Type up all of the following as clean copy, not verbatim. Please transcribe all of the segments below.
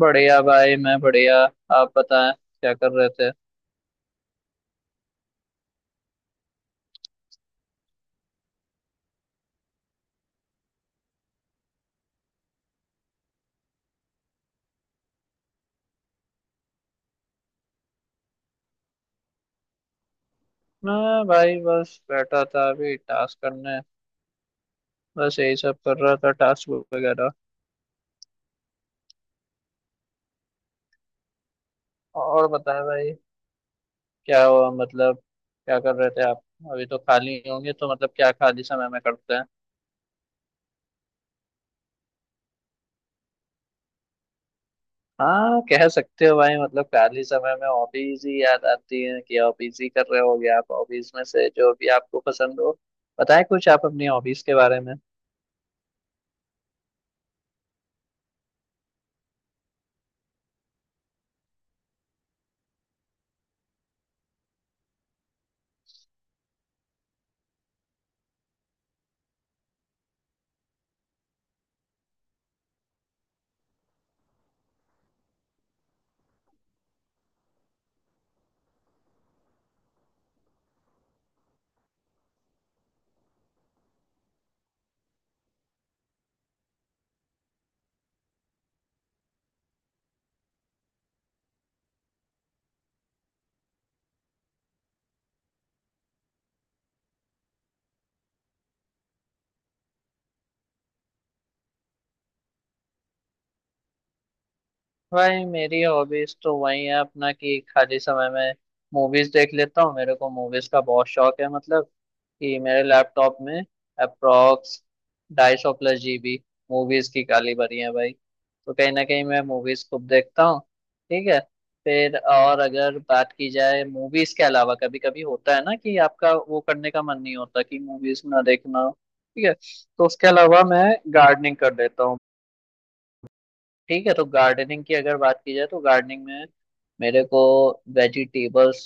बढ़िया भाई, मैं बढ़िया। आप बताएं क्या कर रहे थे। मैं भाई बस बैठा था अभी टास्क करने। बस यही सब कर रहा था टास्क वगैरह। और बताएं भाई, क्या हुआ मतलब, क्या कर रहे थे आप। अभी तो खाली होंगे तो मतलब क्या खाली समय में करते हैं। हाँ कह सकते हो भाई, मतलब खाली समय में हॉबीज ही याद आती है कि हॉबीज ही कर रहे होगे आप। हॉबीज में से जो भी आपको पसंद हो बताएं कुछ आप अपनी हॉबीज के बारे में। भाई मेरी हॉबीज तो वही है अपना कि खाली समय में मूवीज देख लेता हूँ। मेरे को मूवीज का बहुत शौक है, मतलब कि मेरे लैपटॉप में अप्रॉक्स 250+ GB मूवीज की काली भरी है भाई। तो कहीं ना कहीं मैं मूवीज खूब देखता हूँ। ठीक है। फिर और अगर बात की जाए मूवीज के अलावा, कभी कभी होता है ना कि आपका वो करने का मन नहीं होता कि मूवीज ना देखना हो, ठीक है। तो उसके अलावा मैं गार्डनिंग कर लेता हूँ। ठीक है। तो गार्डनिंग की अगर बात की जाए तो गार्डनिंग में मेरे को वेजिटेबल्स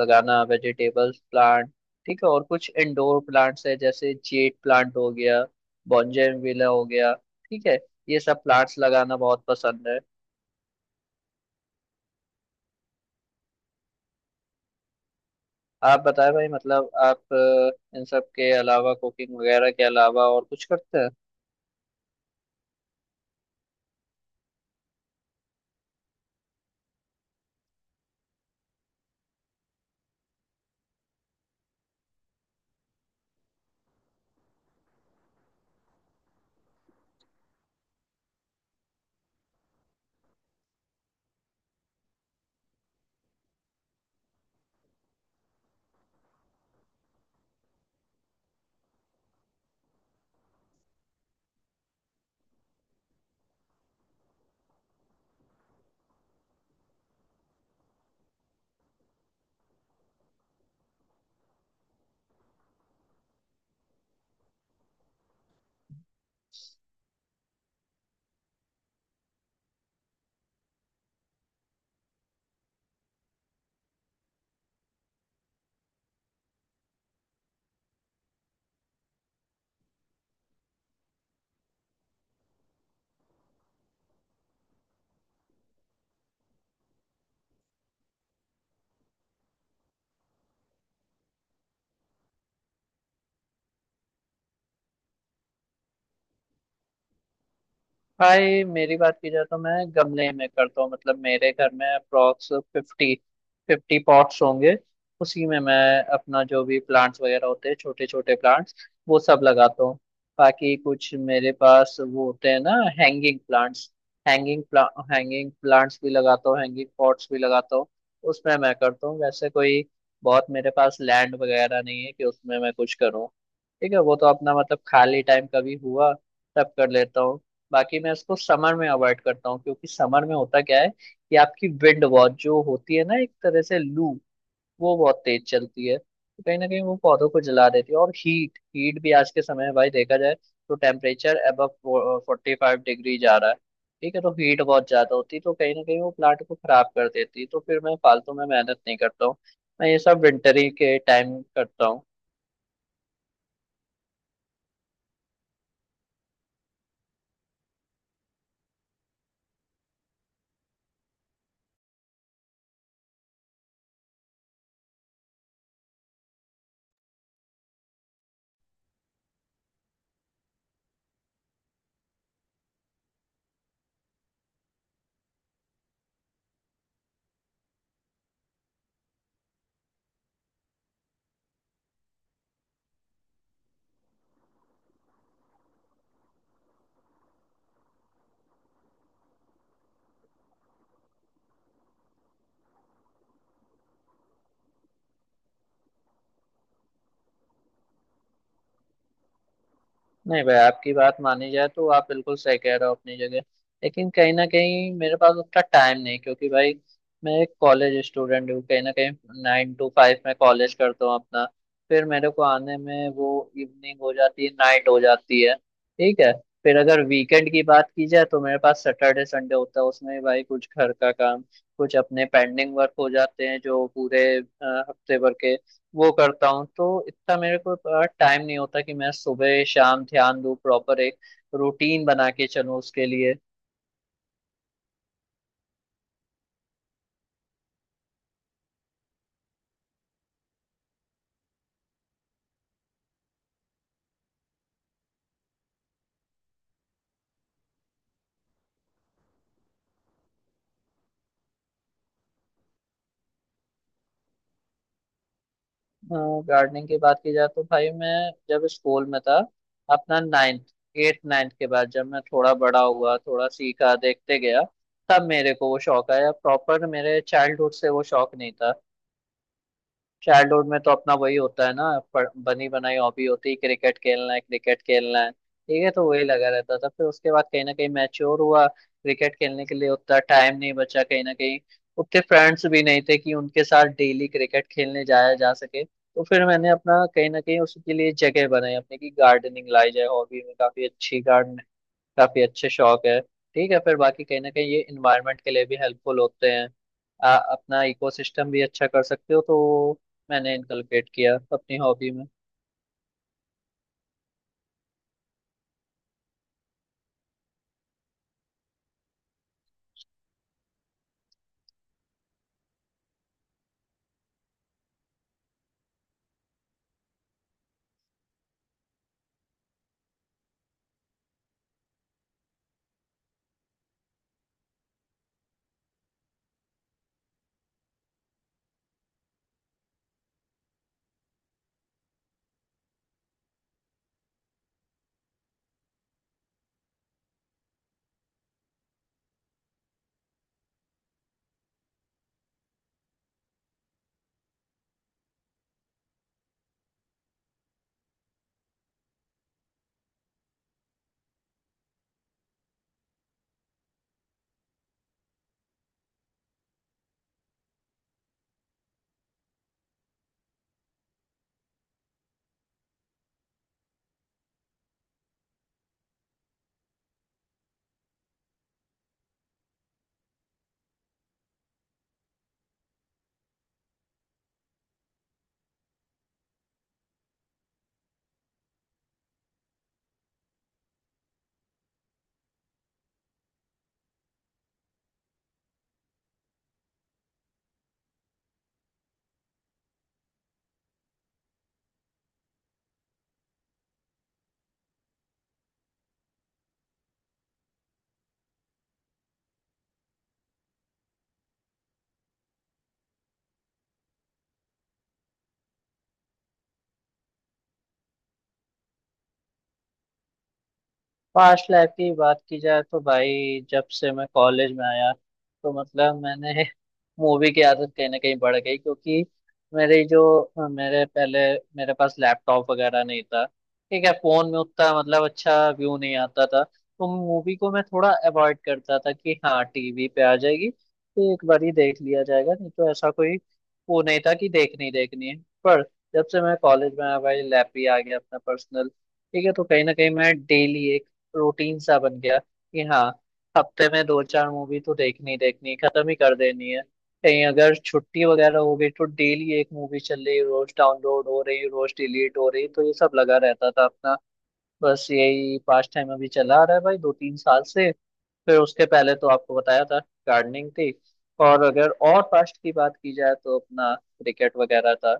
लगाना, वेजिटेबल्स प्लांट, ठीक है। और कुछ इंडोर प्लांट्स है, जैसे जेड प्लांट हो गया, बॉन्जेनविला हो गया, ठीक है। ये सब प्लांट्स लगाना बहुत पसंद है। आप बताएं भाई, मतलब आप इन सब के अलावा, कुकिंग वगैरह के अलावा और कुछ करते हैं। भाई मेरी बात की जाए तो मैं गमले में करता हूँ। मतलब मेरे घर में अप्रोक्स फिफ्टी फिफ्टी पॉट्स होंगे। उसी में मैं अपना जो भी प्लांट्स वगैरह होते हैं, छोटे छोटे प्लांट्स, वो सब लगाता हूँ। बाकी कुछ मेरे पास वो होते हैं ना, hanging plants. Hanging plant hanging plants भी लगाता हूँ, हैंगिंग पॉट्स भी लगाता हूँ। उसमें मैं करता हूँ। वैसे कोई बहुत मेरे पास लैंड वगैरह नहीं है कि उसमें मैं कुछ करूँ। ठीक है, वो तो अपना मतलब खाली टाइम कभी हुआ तब कर लेता हूँ। बाकी मैं इसको समर में अवॉइड करता हूँ, क्योंकि समर में होता क्या है कि आपकी विंड बहुत जो होती है ना, एक तरह से लू, वो बहुत तेज चलती है तो कहीं ना कहीं वो पौधों को जला देती है। और हीट हीट भी आज के समय में भाई देखा जाए तो टेम्परेचर अबव 45 डिग्री जा रहा है, ठीक है। तो हीट बहुत ज्यादा होती है तो कहीं ना कहीं वो प्लांट को खराब कर देती है, तो फिर मैं फालतू में मेहनत नहीं करता हूँ। मैं ये सब विंटर ही के टाइम करता हूँ। नहीं भाई, आपकी बात मानी जाए तो आप बिल्कुल सही कह रहे हो अपनी जगह। लेकिन कहीं ना कहीं मेरे पास उतना टाइम नहीं, क्योंकि भाई मैं एक कॉलेज स्टूडेंट हूँ, कहीं ना कहीं 9 to 5 में कॉलेज करता हूँ अपना। फिर मेरे को आने में वो इवनिंग हो जाती है, नाइट हो जाती है, ठीक है। फिर अगर वीकेंड की बात की जाए तो मेरे पास सैटरडे संडे होता है। उसमें भाई कुछ घर का काम, कुछ अपने पेंडिंग वर्क हो जाते हैं जो पूरे हफ्ते भर के, वो करता हूँ। तो इतना मेरे को टाइम नहीं होता कि मैं सुबह शाम ध्यान दूँ, प्रॉपर एक रूटीन बना के चलूँ उसके लिए। गार्डनिंग की बात की जाए तो भाई, मैं जब स्कूल में था अपना 9th, 8th 9th के बाद जब मैं थोड़ा बड़ा हुआ, थोड़ा सीखा, देखते गया, तब मेरे को वो शौक आया प्रॉपर। मेरे चाइल्डहुड से वो शौक नहीं था। चाइल्डहुड में तो अपना वही होता है ना, बनी बनाई हॉबी होती है, क्रिकेट खेलना है, क्रिकेट खेलना है, ठीक है। तो वही लगा रहता था। फिर उसके बाद कहीं ना कहीं मैच्योर हुआ, क्रिकेट खेलने के लिए उतना टाइम नहीं बचा, कहीं ना कहीं उतने फ्रेंड्स भी नहीं थे कि उनके साथ डेली क्रिकेट खेलने जाया जा सके। तो फिर मैंने अपना कहीं ना कहीं उसके लिए जगह बनाई अपने की गार्डनिंग लाई जाए हॉबी में। काफी अच्छी गार्डन काफी अच्छे शौक है, ठीक है। फिर बाकी कहीं ना कहीं ये इन्वायरमेंट के लिए भी हेल्पफुल होते हैं। अपना इकोसिस्टम भी अच्छा कर सकते हो तो वो मैंने इनकलकेट किया अपनी हॉबी में। पास्ट लाइफ की बात की जाए तो भाई, जब से मैं कॉलेज में आया तो मतलब मैंने मूवी की आदत कहीं ना कहीं बढ़ गई, क्योंकि मेरे जो मेरे पहले मेरे पास लैपटॉप वगैरह नहीं था, ठीक है। फोन में उतना मतलब अच्छा व्यू नहीं आता था तो मूवी को मैं थोड़ा अवॉइड करता था कि हाँ, टीवी पे आ जाएगी तो एक बार ही देख लिया जाएगा, नहीं तो ऐसा कोई वो नहीं था कि देखनी ही देखनी है। पर जब से मैं कॉलेज में आया भाई, लैप भी आ गया अपना पर्सनल, ठीक है। तो कहीं ना कहीं मैं डेली एक रूटीन सा बन गया कि हाँ, हफ्ते में दो चार मूवी तो देखनी देखनी खत्म ही कर देनी है। कहीं अगर छुट्टी वगैरह हो गई तो डेली एक मूवी चल रही, रोज डाउनलोड हो रही, रोज डिलीट हो रही, तो ये सब लगा रहता था अपना। बस यही पास्ट टाइम अभी चला आ रहा है भाई, दो तीन साल से। फिर उसके पहले तो आपको बताया था गार्डनिंग थी। और अगर और पास्ट की बात की जाए तो अपना क्रिकेट वगैरह था।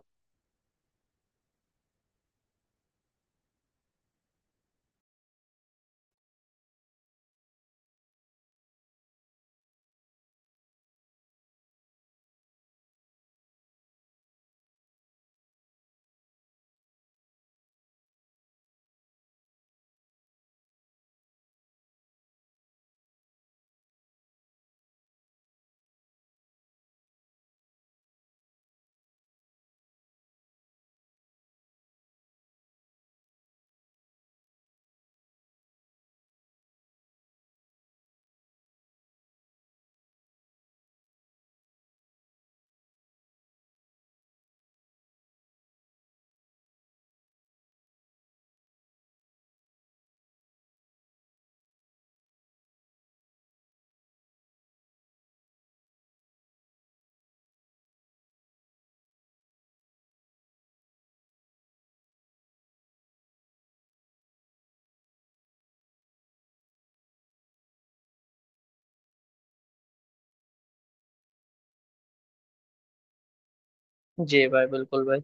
जी भाई, बिल्कुल भाई।